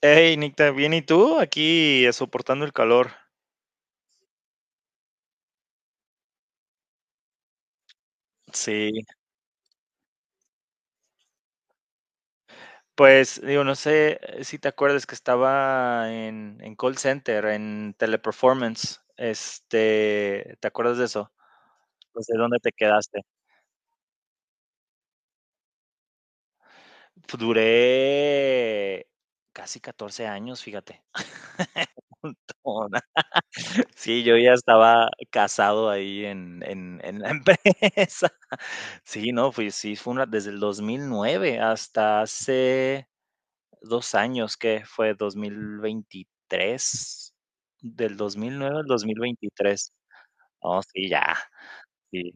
Hey, Nicta, bien, ¿y tú? Aquí soportando el calor. Sí, pues digo, no sé, si te acuerdas que estaba en call center, en Teleperformance. Este, ¿te acuerdas de eso? Pues, de dónde te quedaste. Duré casi 14 años, fíjate. Montona. Sí, yo ya estaba casado ahí en la empresa. Sí, no, fui, sí, fue una, desde el 2009 hasta hace 2 años, ¿que fue? 2023. Del 2009 al 2023. Oh, sí, ya. Sí.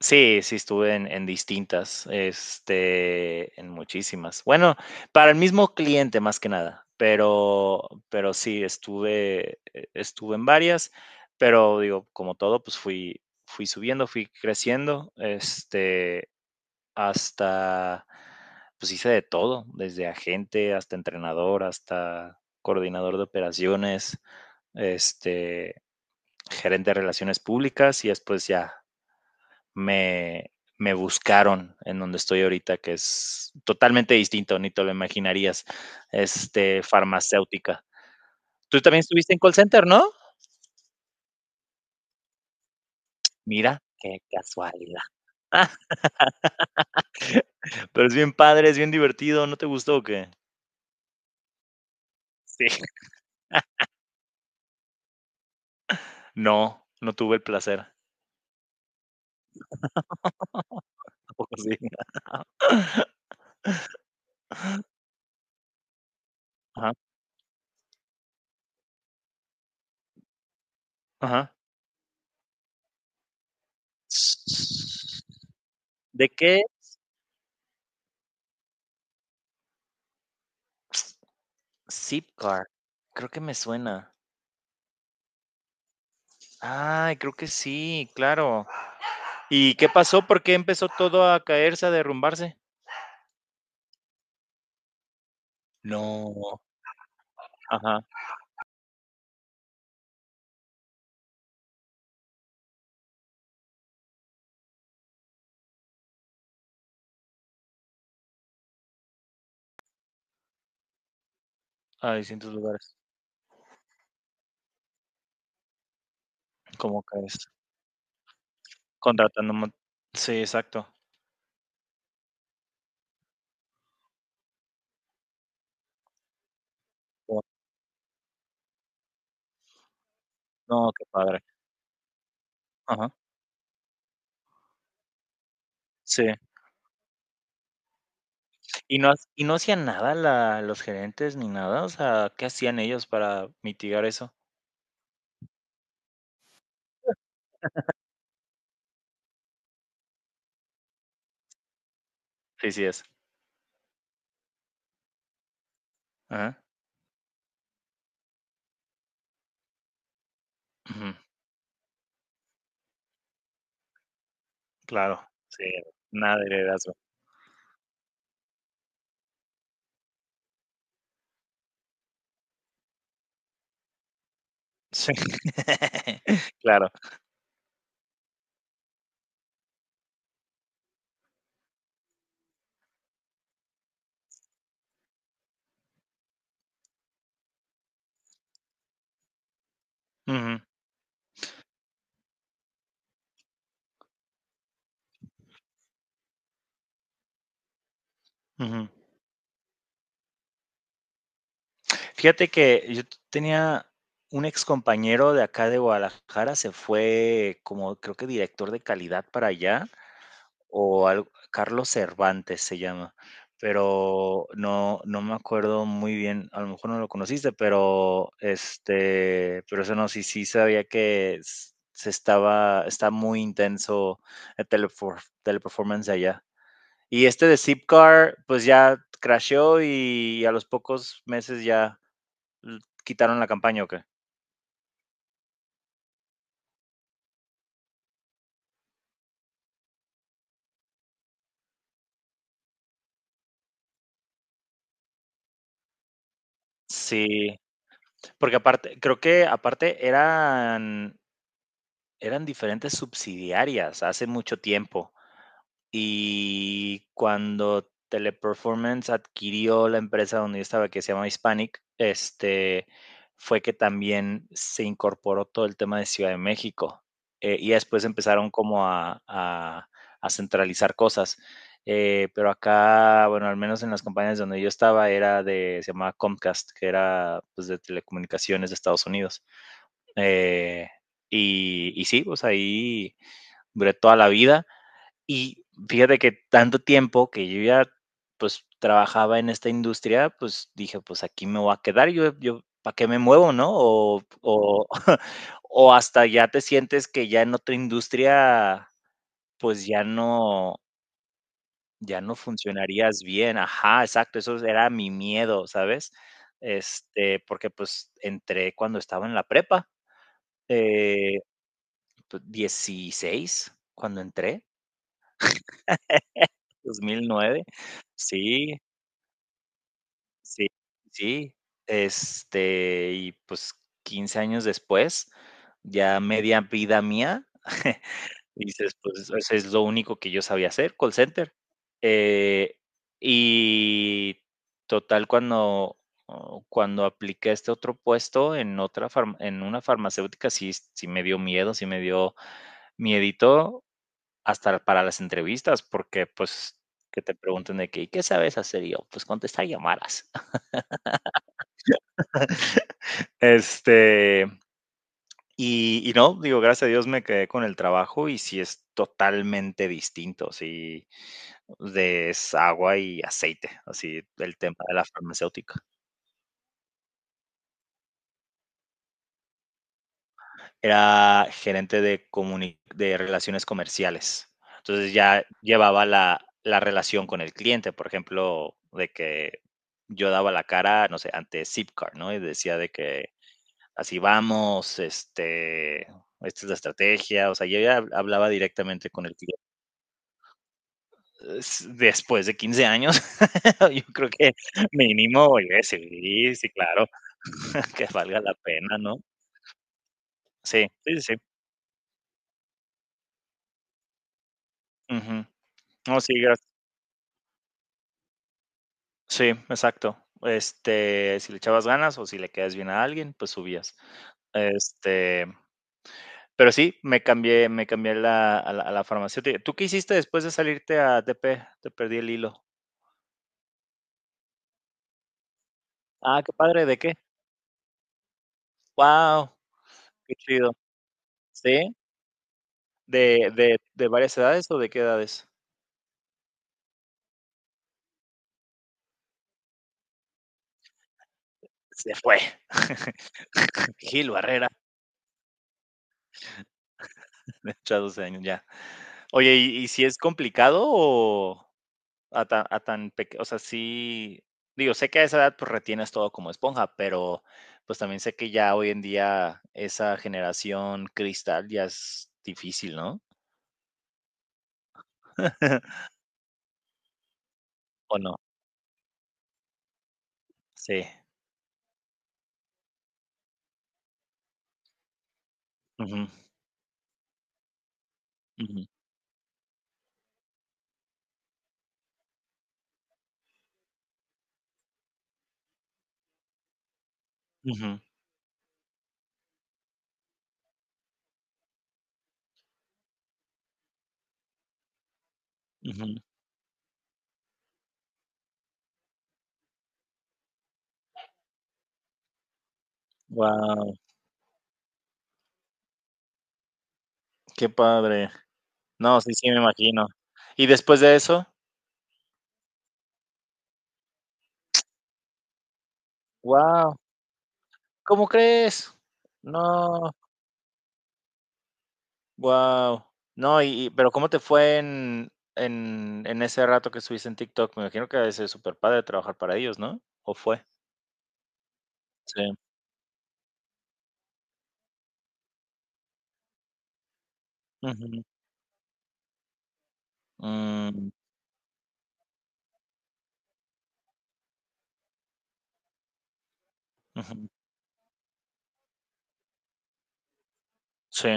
Sí, sí estuve en distintas, este, en muchísimas. Bueno, para el mismo cliente, más que nada, pero sí, estuve estuve en varias, pero digo, como todo, pues fui subiendo, fui creciendo, este, hasta, pues hice de todo, desde agente hasta entrenador, hasta coordinador de operaciones, este, gerente de relaciones públicas y después ya me, me buscaron en donde estoy ahorita, que es totalmente distinto, ni te lo imaginarías, este, farmacéutica. Tú también estuviste en call center, ¿no? Mira, qué casualidad. Pero es bien padre, es bien divertido, ¿no te gustó o qué? Sí. No, no tuve el placer. ¿A poco sí? Ajá, ajá. ¿De qué? Zip Car, creo que me suena. Ay, creo que sí, claro. ¿Y qué pasó? ¿Por qué empezó todo a caerse, a derrumbarse? No. Ajá, a distintos lugares. ¿Cómo caes? Contratando. Sí, exacto. Guau. No, qué padre. Ajá. Sí. ¿Y no, y no hacían nada los gerentes ni nada? O sea, ¿qué hacían ellos para mitigar eso? Sí, sí es. Ajá. Ujú. Claro. Sí, nada de heredazgo. Sí, claro. Ujú, ujú. Fíjate que yo tenía un excompañero de acá de Guadalajara, se fue como creo que director de calidad para allá, o algo, Carlos Cervantes se llama, pero no, no me acuerdo muy bien, a lo mejor no lo conociste, pero este, pero eso no, sí, sí sabía que está muy intenso el Teleperformance de allá. Y este de Zipcar, pues ya crasheó y a los pocos meses ya quitaron la campaña, ¿o qué? Sí, porque aparte, creo que aparte eran diferentes subsidiarias hace mucho tiempo. Y cuando Teleperformance adquirió la empresa donde yo estaba, que se llama Hispanic, este, fue que también se incorporó todo el tema de Ciudad de México. Y después empezaron como a centralizar cosas. Pero acá, bueno, al menos en las compañías donde yo estaba, era de, se llamaba Comcast, que era pues, de telecomunicaciones de Estados Unidos. Eh, y sí, pues ahí duré toda la vida y fíjate que tanto tiempo que yo ya, pues, trabajaba en esta industria, pues, dije: "Pues, aquí me voy a quedar, yo, ¿para qué me muevo?", ¿no? O o hasta ya te sientes que ya en otra industria, pues, ya no funcionarías bien. Ajá, exacto, eso era mi miedo, ¿sabes? Este, porque, pues, entré cuando estaba en la prepa, eh, pues, 16 cuando entré, 2009. Sí. Sí, sí, este, y pues 15 años después, ya media vida mía. Dices, pues, eso es lo único que yo sabía hacer, call center. Eh, y total, cuando, oh, cuando apliqué a este otro puesto en otra en una farmacéutica, sí, sí me dio miedo, sí me dio miedito hasta para las entrevistas, porque pues que te pregunten de qué, ¿y qué sabes hacer? Y yo, pues contestar llamadas. Este, y no, digo, gracias a Dios me quedé con el trabajo y sí es totalmente distinto, sí, de es agua y aceite, así el tema de la farmacéutica. Era gerente de comuni de relaciones comerciales. Entonces, ya llevaba la relación con el cliente, por ejemplo, de que yo daba la cara, no sé, ante Zipcar, ¿no? Y decía de que así vamos, este, esta es la estrategia, o sea, yo ya hablaba directamente con el cliente. Después de 15 años, yo creo que mínimo, oye, sí, sí, claro, que valga la pena, ¿no? Sí, sí, sí. Sí. Ujú. No, sí, sí, exacto. Este, si le echabas ganas o si le quedas bien a alguien, pues subías. Este, pero sí, me cambié a la farmacéutica. ¿Tú qué hiciste después de salirte a TP? Te perdí el hilo. Ah, qué padre, ¿de qué? Wow, qué chido. ¿Sí? ¿De varias edades o de qué edades? Se fue. Gil Barrera, de 8 a 12 años, ya. Oye, ¿y si es complicado o a tan peque, o sea, sí, digo, sé que a esa edad, pues, retienes todo como esponja, pero, pues, también sé que ya hoy en día esa generación cristal ya es difícil, ¿no? ¿O no? Sí. Ujú, ujú, ujú, ujú. Wow, qué padre. No, sí, sí, me imagino. ¿Y después de eso? Guau, ¿cómo crees? No, guau. No, y pero, ¿cómo te fue en en ese rato que estuviste en TikTok? Me imagino que debe ser padre trabajar para ellos, ¿no? ¿O fue? Sí. Ujú. Mm, ujú. Sí.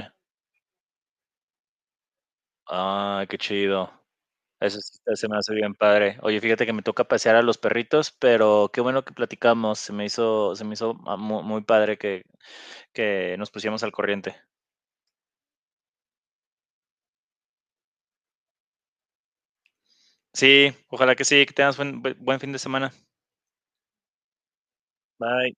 Ah, qué chido. Eso sí está se me hace bien padre. Oye, fíjate que me toca pasear a los perritos, pero qué bueno que platicamos. Se me hizo mu muy padre que nos pusiéramos al corriente. Sí, ojalá que sí, que tengas buen fin de semana. Bye.